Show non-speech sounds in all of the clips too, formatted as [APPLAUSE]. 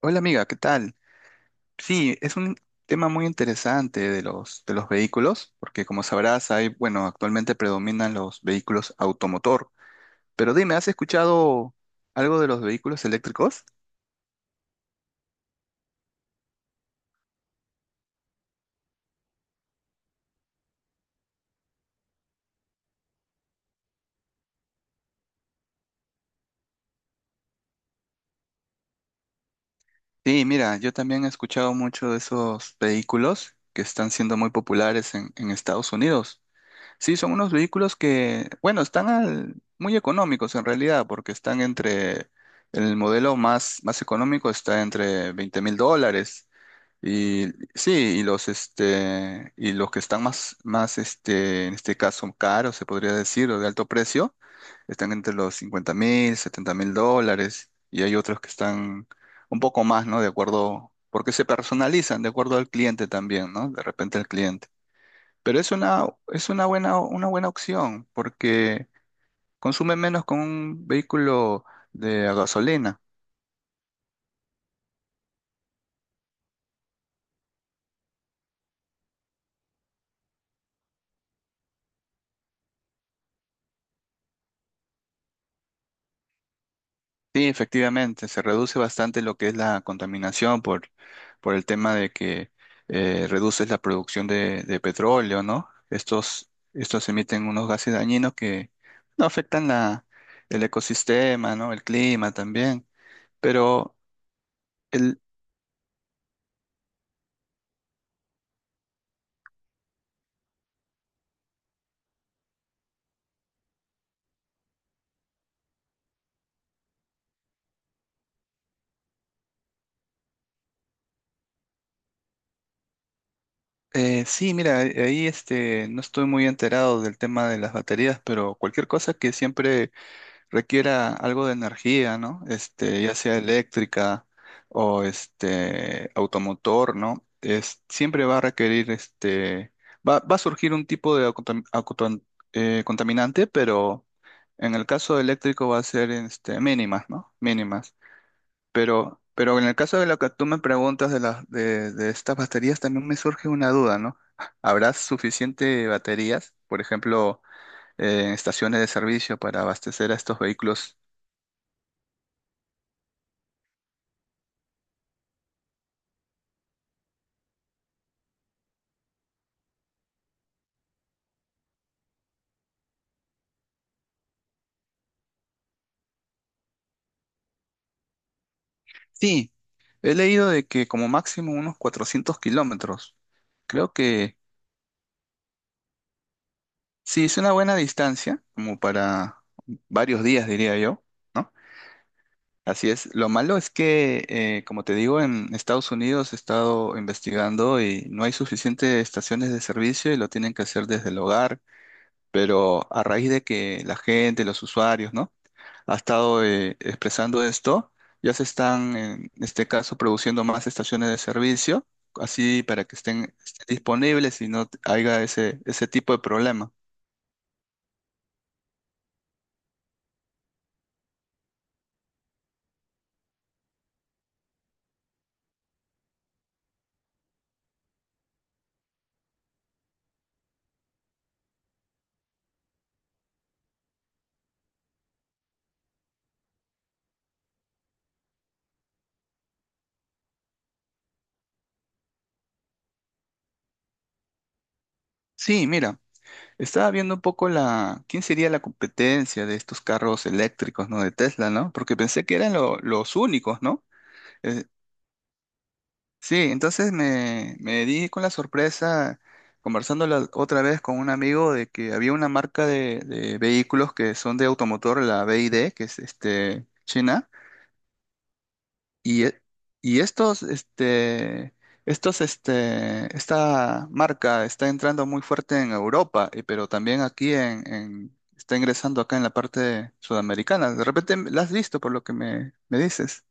Hola amiga, ¿qué tal? Sí, es un tema muy interesante de los vehículos, porque como sabrás, hay, bueno, actualmente predominan los vehículos automotor. Pero dime, ¿has escuchado algo de los vehículos eléctricos? Sí, mira, yo también he escuchado mucho de esos vehículos que están siendo muy populares en Estados Unidos. Sí, son unos vehículos que, bueno, están muy económicos en realidad, porque el modelo más económico está entre $20,000. Y sí, y los que están más en este caso caros, se podría decir, o de alto precio, están entre los 50,000, $70,000, y hay otros que están un poco más, ¿no? De acuerdo, porque se personalizan de acuerdo al cliente también, ¿no? De repente al cliente. Pero es una buena opción porque consume menos con un vehículo de a gasolina. Sí, efectivamente, se reduce bastante lo que es la contaminación por el tema de que reduces la producción de petróleo, ¿no? Estos emiten unos gases dañinos que no afectan la, el ecosistema, ¿no? El clima también. Pero el, sí, mira, ahí este, no estoy muy enterado del tema de las baterías, pero cualquier cosa que siempre requiera algo de energía, ¿no? Este, ya sea eléctrica o este automotor, ¿no? Siempre va a requerir este, va a surgir un tipo de contaminante, pero en el caso eléctrico va a ser este, mínimas, ¿no? Mínimas. Pero en el caso de lo que tú me preguntas de estas baterías, también me surge una duda, ¿no? ¿Habrá suficiente baterías? Por ejemplo, en estaciones de servicio para abastecer a estos vehículos. Sí, he leído de que como máximo unos 400 kilómetros. Creo que sí, es una buena distancia, como para varios días, diría yo, ¿no? Así es. Lo malo es que, como te digo, en Estados Unidos he estado investigando y no hay suficientes estaciones de servicio y lo tienen que hacer desde el hogar, pero a raíz de que la gente, los usuarios, ¿no? ha estado expresando esto. Ya se están, en este caso, produciendo más estaciones de servicio, así para que estén disponibles y no haya ese tipo de problema. Sí, mira, estaba viendo un poco quién sería la competencia de estos carros eléctricos, ¿no? De Tesla, ¿no? Porque pensé que eran los únicos, ¿no? Eh, sí, entonces me di con la sorpresa conversando la otra vez con un amigo de que había una marca de vehículos que son de automotor, la BYD, que es este, China, y, e- y esta marca está entrando muy fuerte en Europa, pero también aquí está ingresando acá en la parte sudamericana. De repente la has visto por lo que me dices.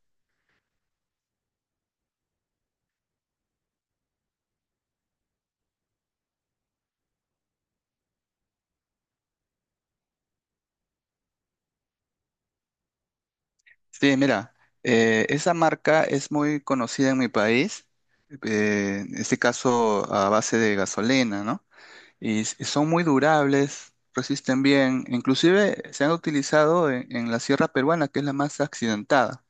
Sí, mira, esa marca es muy conocida en mi país, en este caso a base de gasolina, ¿no? Y son muy durables, resisten bien, inclusive se han utilizado en la sierra peruana, que es la más accidentada.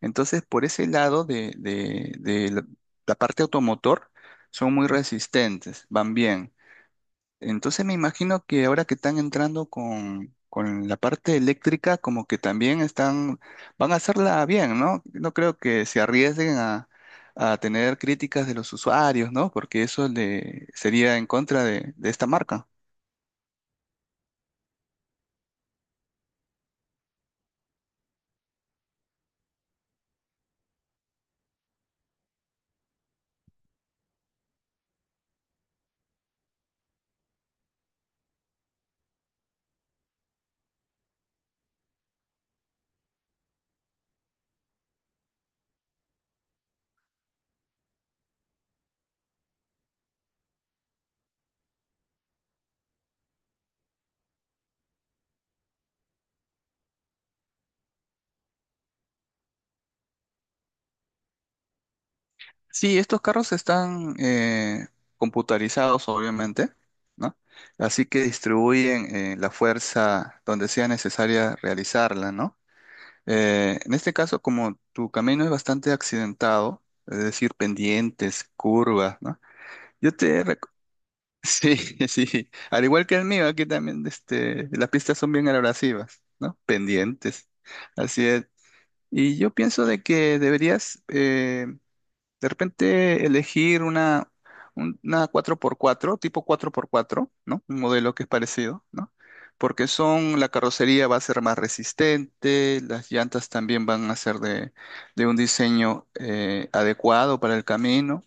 Entonces, por ese lado de la parte automotor, son muy resistentes, van bien. Entonces me imagino que ahora que están entrando con la parte eléctrica, como que también van a hacerla bien, ¿no? No creo que se arriesguen a tener críticas de los usuarios, ¿no? Porque eso le sería en contra de esta marca. Sí, estos carros están computarizados, obviamente, ¿no? Así que distribuyen la fuerza donde sea necesaria realizarla, ¿no? En este caso, como tu camino es bastante accidentado, es decir, pendientes, curvas, ¿no? Yo te reco- [LAUGHS] Sí, sí. Al igual que el mío, aquí también este, las pistas son bien abrasivas, ¿no? Pendientes. Así es. Y yo pienso de que deberías de repente elegir una cuatro por cuatro tipo cuatro por cuatro, no. Un modelo que es parecido, ¿no? Porque la carrocería va a ser más resistente, las llantas también van a ser de un diseño adecuado para el camino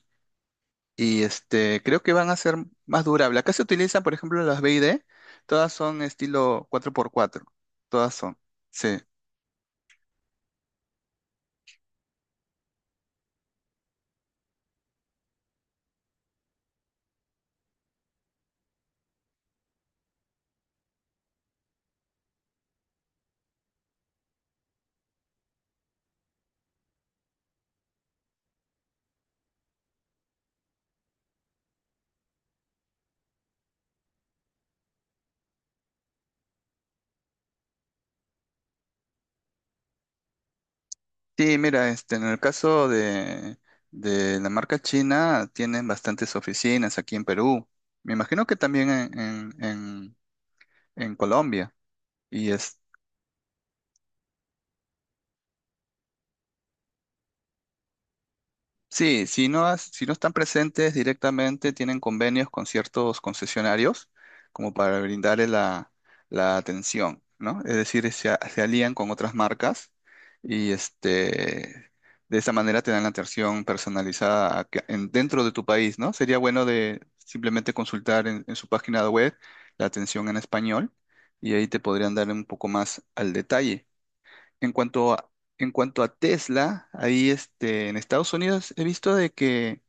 y este, creo que van a ser más durables. Acá se utilizan, por ejemplo, las BID, todas son estilo cuatro por cuatro, todas son, sí. Sí, mira, este, en el caso de la marca china, tienen bastantes oficinas aquí en Perú. Me imagino que también en Colombia. Y sí, si no, si no están presentes directamente, tienen convenios con ciertos concesionarios como para brindarle la atención, ¿no? Es decir, se alían con otras marcas y este, de esa manera te dan la atención personalizada dentro de tu país, ¿no? Sería bueno de simplemente consultar en su página web la atención en español y ahí te podrían dar un poco más al detalle. En cuanto a, en cuanto a Tesla, ahí este, en Estados Unidos he visto de que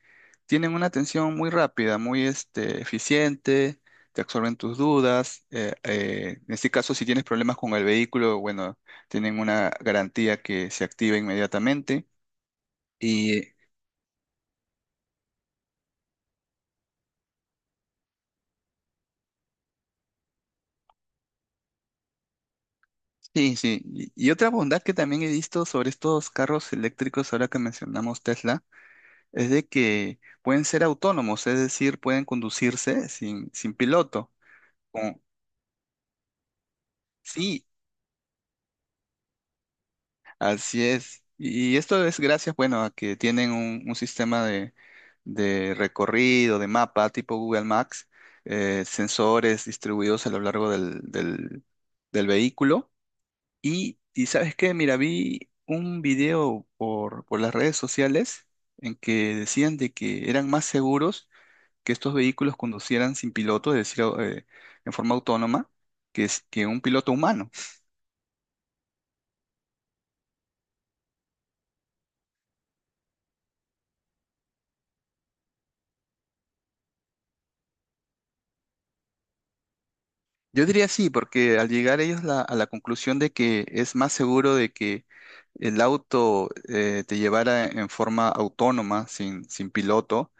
tienen una atención muy rápida, muy este, eficiente, te absorben tus dudas. En este caso, si tienes problemas con el vehículo, bueno, tienen una garantía que se activa inmediatamente. Y sí, sí. Y otra bondad que también he visto sobre estos carros eléctricos, ahora que mencionamos Tesla, es de que pueden ser autónomos, es decir, pueden conducirse sin piloto. Sí, así es. Y esto es gracias, bueno, a que tienen un sistema de recorrido, de mapa tipo Google Maps, sensores distribuidos a lo largo del vehículo. Y ¿sabes qué? Mira, vi un video por las redes sociales en que decían de que eran más seguros que estos vehículos conducieran sin piloto, es decir, en forma autónoma, que un piloto humano. Yo diría sí, porque al llegar ellos a la conclusión de que es más seguro de que el auto te llevara en forma autónoma, sin piloto,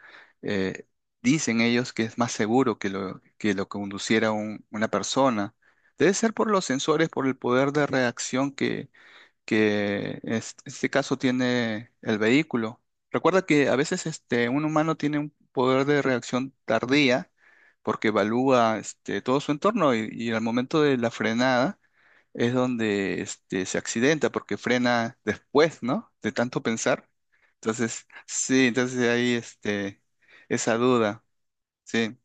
eh, dicen ellos que es más seguro que lo conduciera una persona. Debe ser por los sensores, por el poder de reacción que este caso tiene el vehículo. Recuerda que a veces este, un humano tiene un poder de reacción tardía porque evalúa este, todo su entorno y al momento de la frenada es donde este, se accidenta porque frena después, ¿no? De tanto pensar. Entonces, sí, entonces ahí este, esa duda, sí.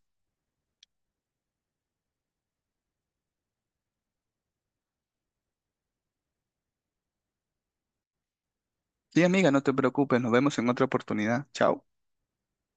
Sí, amiga, no te preocupes, nos vemos en otra oportunidad. Chao.